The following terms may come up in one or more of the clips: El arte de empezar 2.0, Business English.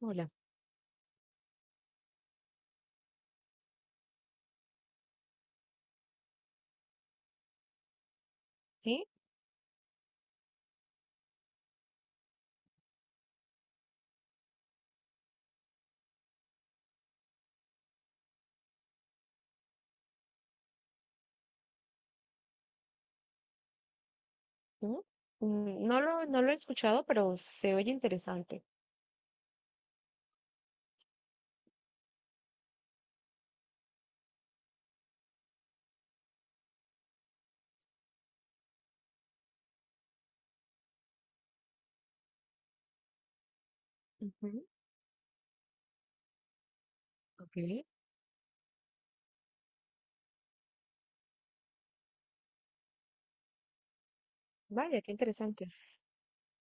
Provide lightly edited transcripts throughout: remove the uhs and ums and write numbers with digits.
Hola, ¿sí? ¿No? Mm, no lo he escuchado, pero se oye interesante. Ujú, ok. Vaya, qué interesante.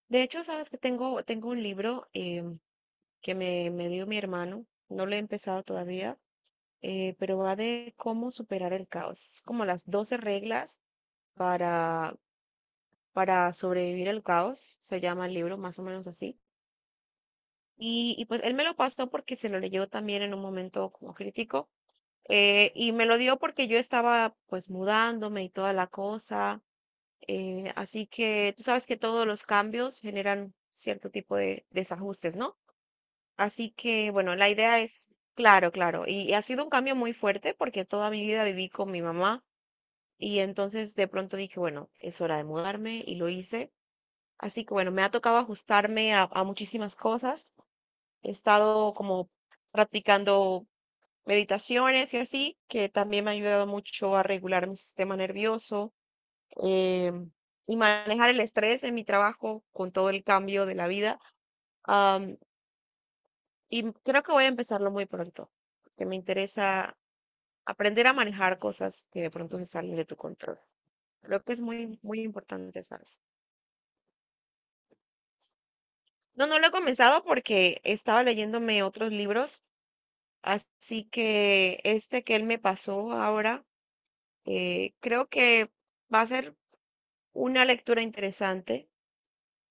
De hecho, sabes que tengo un libro que me dio mi hermano. No lo he empezado todavía, pero va de cómo superar el caos, como las 12 reglas para, para sobrevivir al caos. Se llama el libro, más o menos así. Y pues él me lo pasó porque se lo leyó también en un momento como crítico. Y me lo dio porque yo estaba pues mudándome y toda la cosa. Así que tú sabes que todos los cambios generan cierto tipo de desajustes, ¿no? Así que bueno, la idea es, claro, claro. Ha sido un cambio muy fuerte porque toda mi vida viví con mi mamá y entonces de pronto dije, bueno, es hora de mudarme y lo hice. Así que bueno, me ha tocado ajustarme a muchísimas cosas. He estado como practicando meditaciones y así, que también me ha ayudado mucho a regular mi sistema nervioso eh, y manejar el estrés en mi trabajo con todo el cambio de la vida. Am, y creo que voy a empezarlo muy pronto, que me interesa aprender a manejar cosas que de pronto se salen de tu control. Creo que es muy, muy importante, ¿sabes? No, no lo he comenzado porque estaba leyéndome otros libros, así que este que él me pasó ahora, creo que va a ser una lectura interesante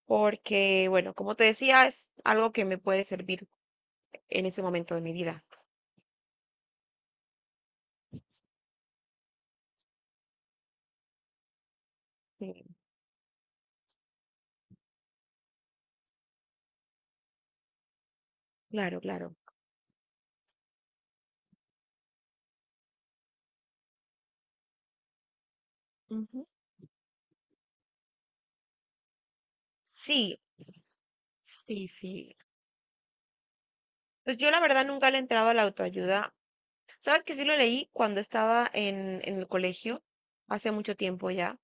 porque, bueno, como te decía, es algo que me puede servir en ese momento de mi vida. Sí, claro, claro. Ujú. Sí, sí, sí. Pues yo la verdad nunca le entraba a la autoayuda. Sabes que sí lo leí cuando estaba en el colegio, hace mucho tiempo ya.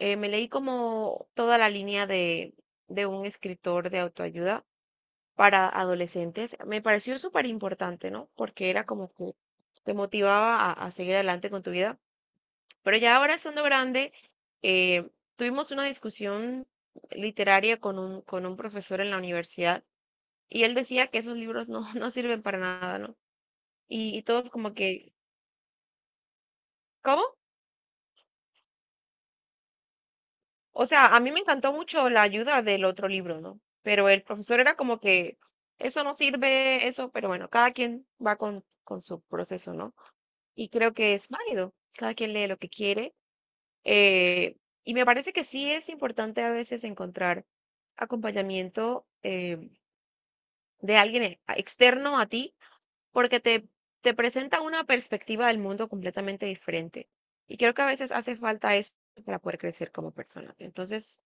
Me leí como toda la línea de un escritor de autoayuda para adolescentes. Me pareció súper importante, ¿no? Porque era como que te motivaba a seguir adelante con tu vida. Pero ya ahora estando grande, eh, tuvimos una discusión literaria con un profesor en la universidad y él decía que esos libros no, no sirven para nada, ¿no? Y todos como que, ¿cómo? O sea, a mí me encantó mucho la ayuda del otro libro, ¿no? Pero el profesor era como que, eso no sirve, eso, pero bueno, cada quien va con su proceso, ¿no? Y creo que es válido, cada quien lee lo que quiere. Eh, y me parece que sí es importante a veces encontrar acompañamiento de alguien externo a ti, porque te presenta una perspectiva del mundo completamente diferente. Y creo que a veces hace falta eso para poder crecer como persona. Entonces,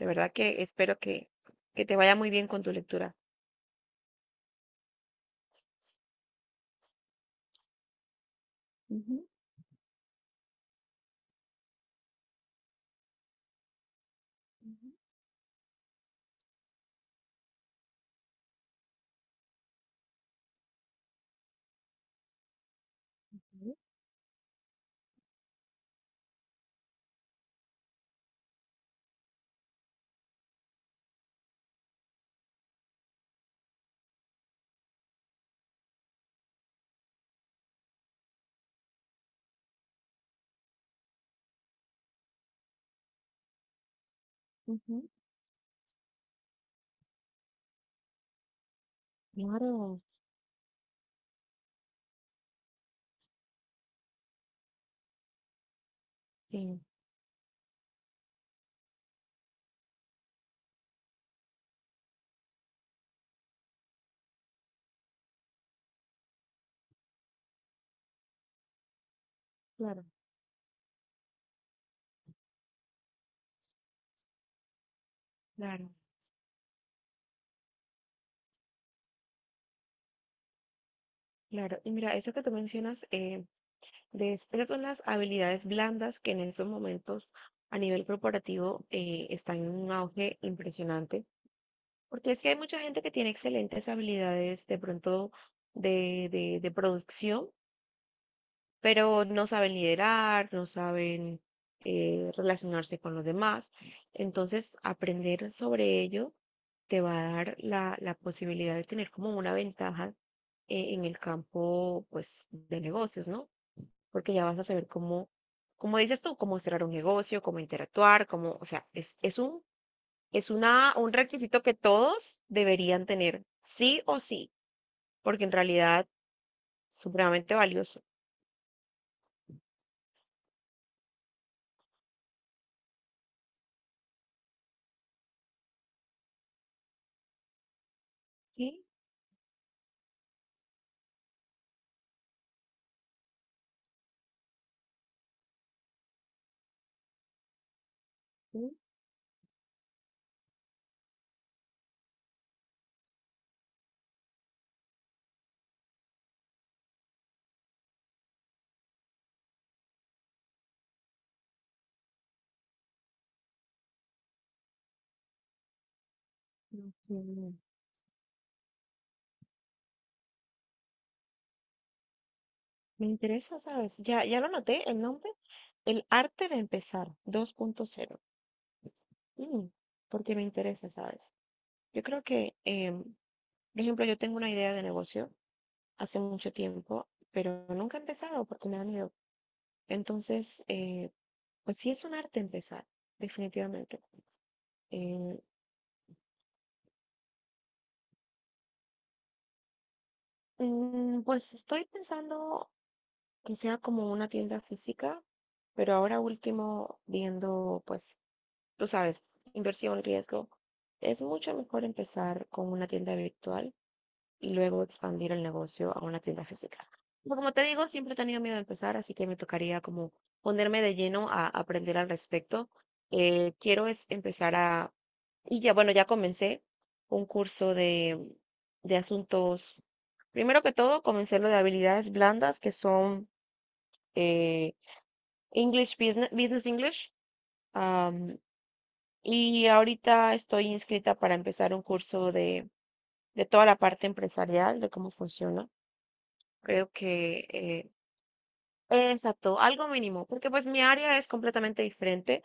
de verdad que espero que te vaya muy bien con tu lectura. Ujú, ujú, ujú, ujú. Claro, sí, claro, claro, claro. Claro, y mira, eso que tú mencionas, de esas son las habilidades blandas que en estos momentos a nivel corporativo están en un auge impresionante, porque es que hay mucha gente que tiene excelentes habilidades de pronto de, de producción, pero no saben liderar, no saben relacionarse con los demás. Entonces, aprender sobre ello te va a dar la, la posibilidad de tener como una ventaja en el campo pues, de negocios, ¿no? Porque ya vas a saber cómo, como dices tú, cómo cerrar un negocio, cómo interactuar, cómo, o sea, es un, es una, un requisito que todos deberían tener, sí o sí, porque en realidad es supremamente valioso. Sí, sí, no, mm, me interesa, ¿sabes? Ya, ya lo noté, el nombre, El arte de empezar 2.0, mm, porque me interesa, ¿sabes? Yo creo que, por ejemplo, yo tengo una idea de negocio hace mucho tiempo, pero nunca he empezado porque me da miedo. Entonces, pues sí es un arte empezar, definitivamente. Eh, mm, pues estoy pensando que sea como una tienda física, pero ahora último viendo, pues, tú sabes, inversión, riesgo, es mucho mejor empezar con una tienda virtual y luego expandir el negocio a una tienda física. Pero como te digo, siempre he tenido miedo de empezar, así que me tocaría como ponerme de lleno a aprender al respecto. Quiero es empezar a, y ya, bueno, ya comencé un curso de asuntos. Primero que todo, comencé lo de habilidades blandas, que son eh, English Business, Business English. am, y ahorita estoy inscrita para empezar un curso de toda la parte empresarial, de cómo funciona. Creo que, exacto, algo mínimo, porque pues mi área es completamente diferente,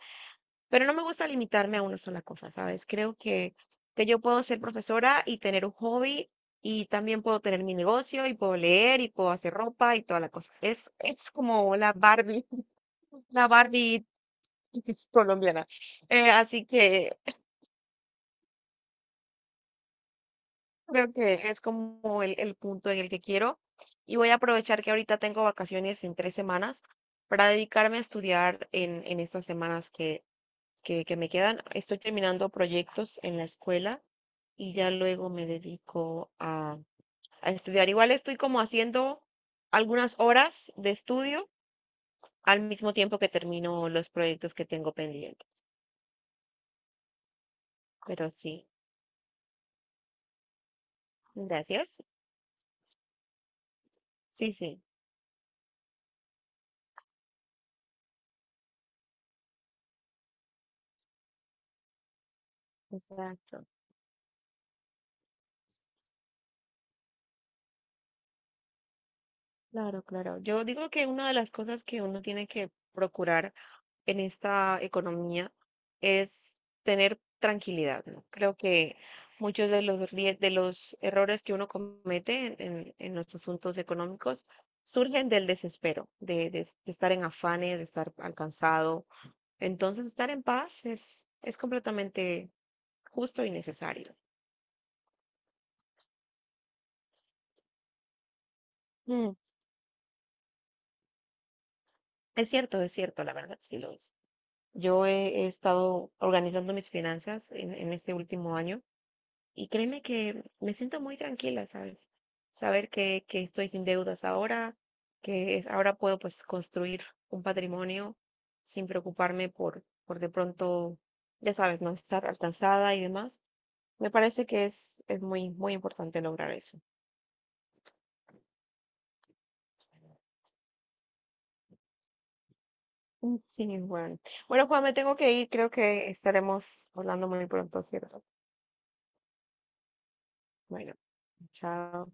pero no me gusta limitarme a una sola cosa, ¿sabes? Creo que yo puedo ser profesora y tener un hobby y también puedo tener mi negocio y puedo leer y puedo hacer ropa y toda la cosa. Es como la Barbie, la Barbie colombiana. Así que creo que es como el punto en el que quiero. Y voy a aprovechar que ahorita tengo vacaciones en 3 semanas para dedicarme a estudiar en estas semanas que, que me quedan. Estoy terminando proyectos en la escuela y ya luego me dedico a estudiar. Igual estoy como haciendo algunas horas de estudio al mismo tiempo que termino los proyectos que tengo pendientes. Pero sí, gracias. Sí, sí, exacto. Claro, claro. Yo digo que una de las cosas que uno tiene que procurar en esta economía es tener tranquilidad, ¿no? Creo que muchos de los, de los errores que uno comete en los asuntos económicos surgen del desespero, de, de estar en afanes, de estar alcanzado. Entonces, estar en paz es completamente justo y necesario. Mm, es cierto, es cierto, la verdad, sí lo es. Yo he, he estado organizando mis finanzas en este último año y créeme que me siento muy tranquila, ¿sabes? Saber que estoy sin deudas ahora, que ahora puedo pues construir un patrimonio sin preocuparme por de pronto, ya sabes, no estar alcanzada y demás. Me parece que es muy, muy importante lograr eso. Mm, sí, bueno. Bueno, Juan, me tengo que ir. Creo que estaremos hablando muy pronto, ¿cierto? Bueno, chao.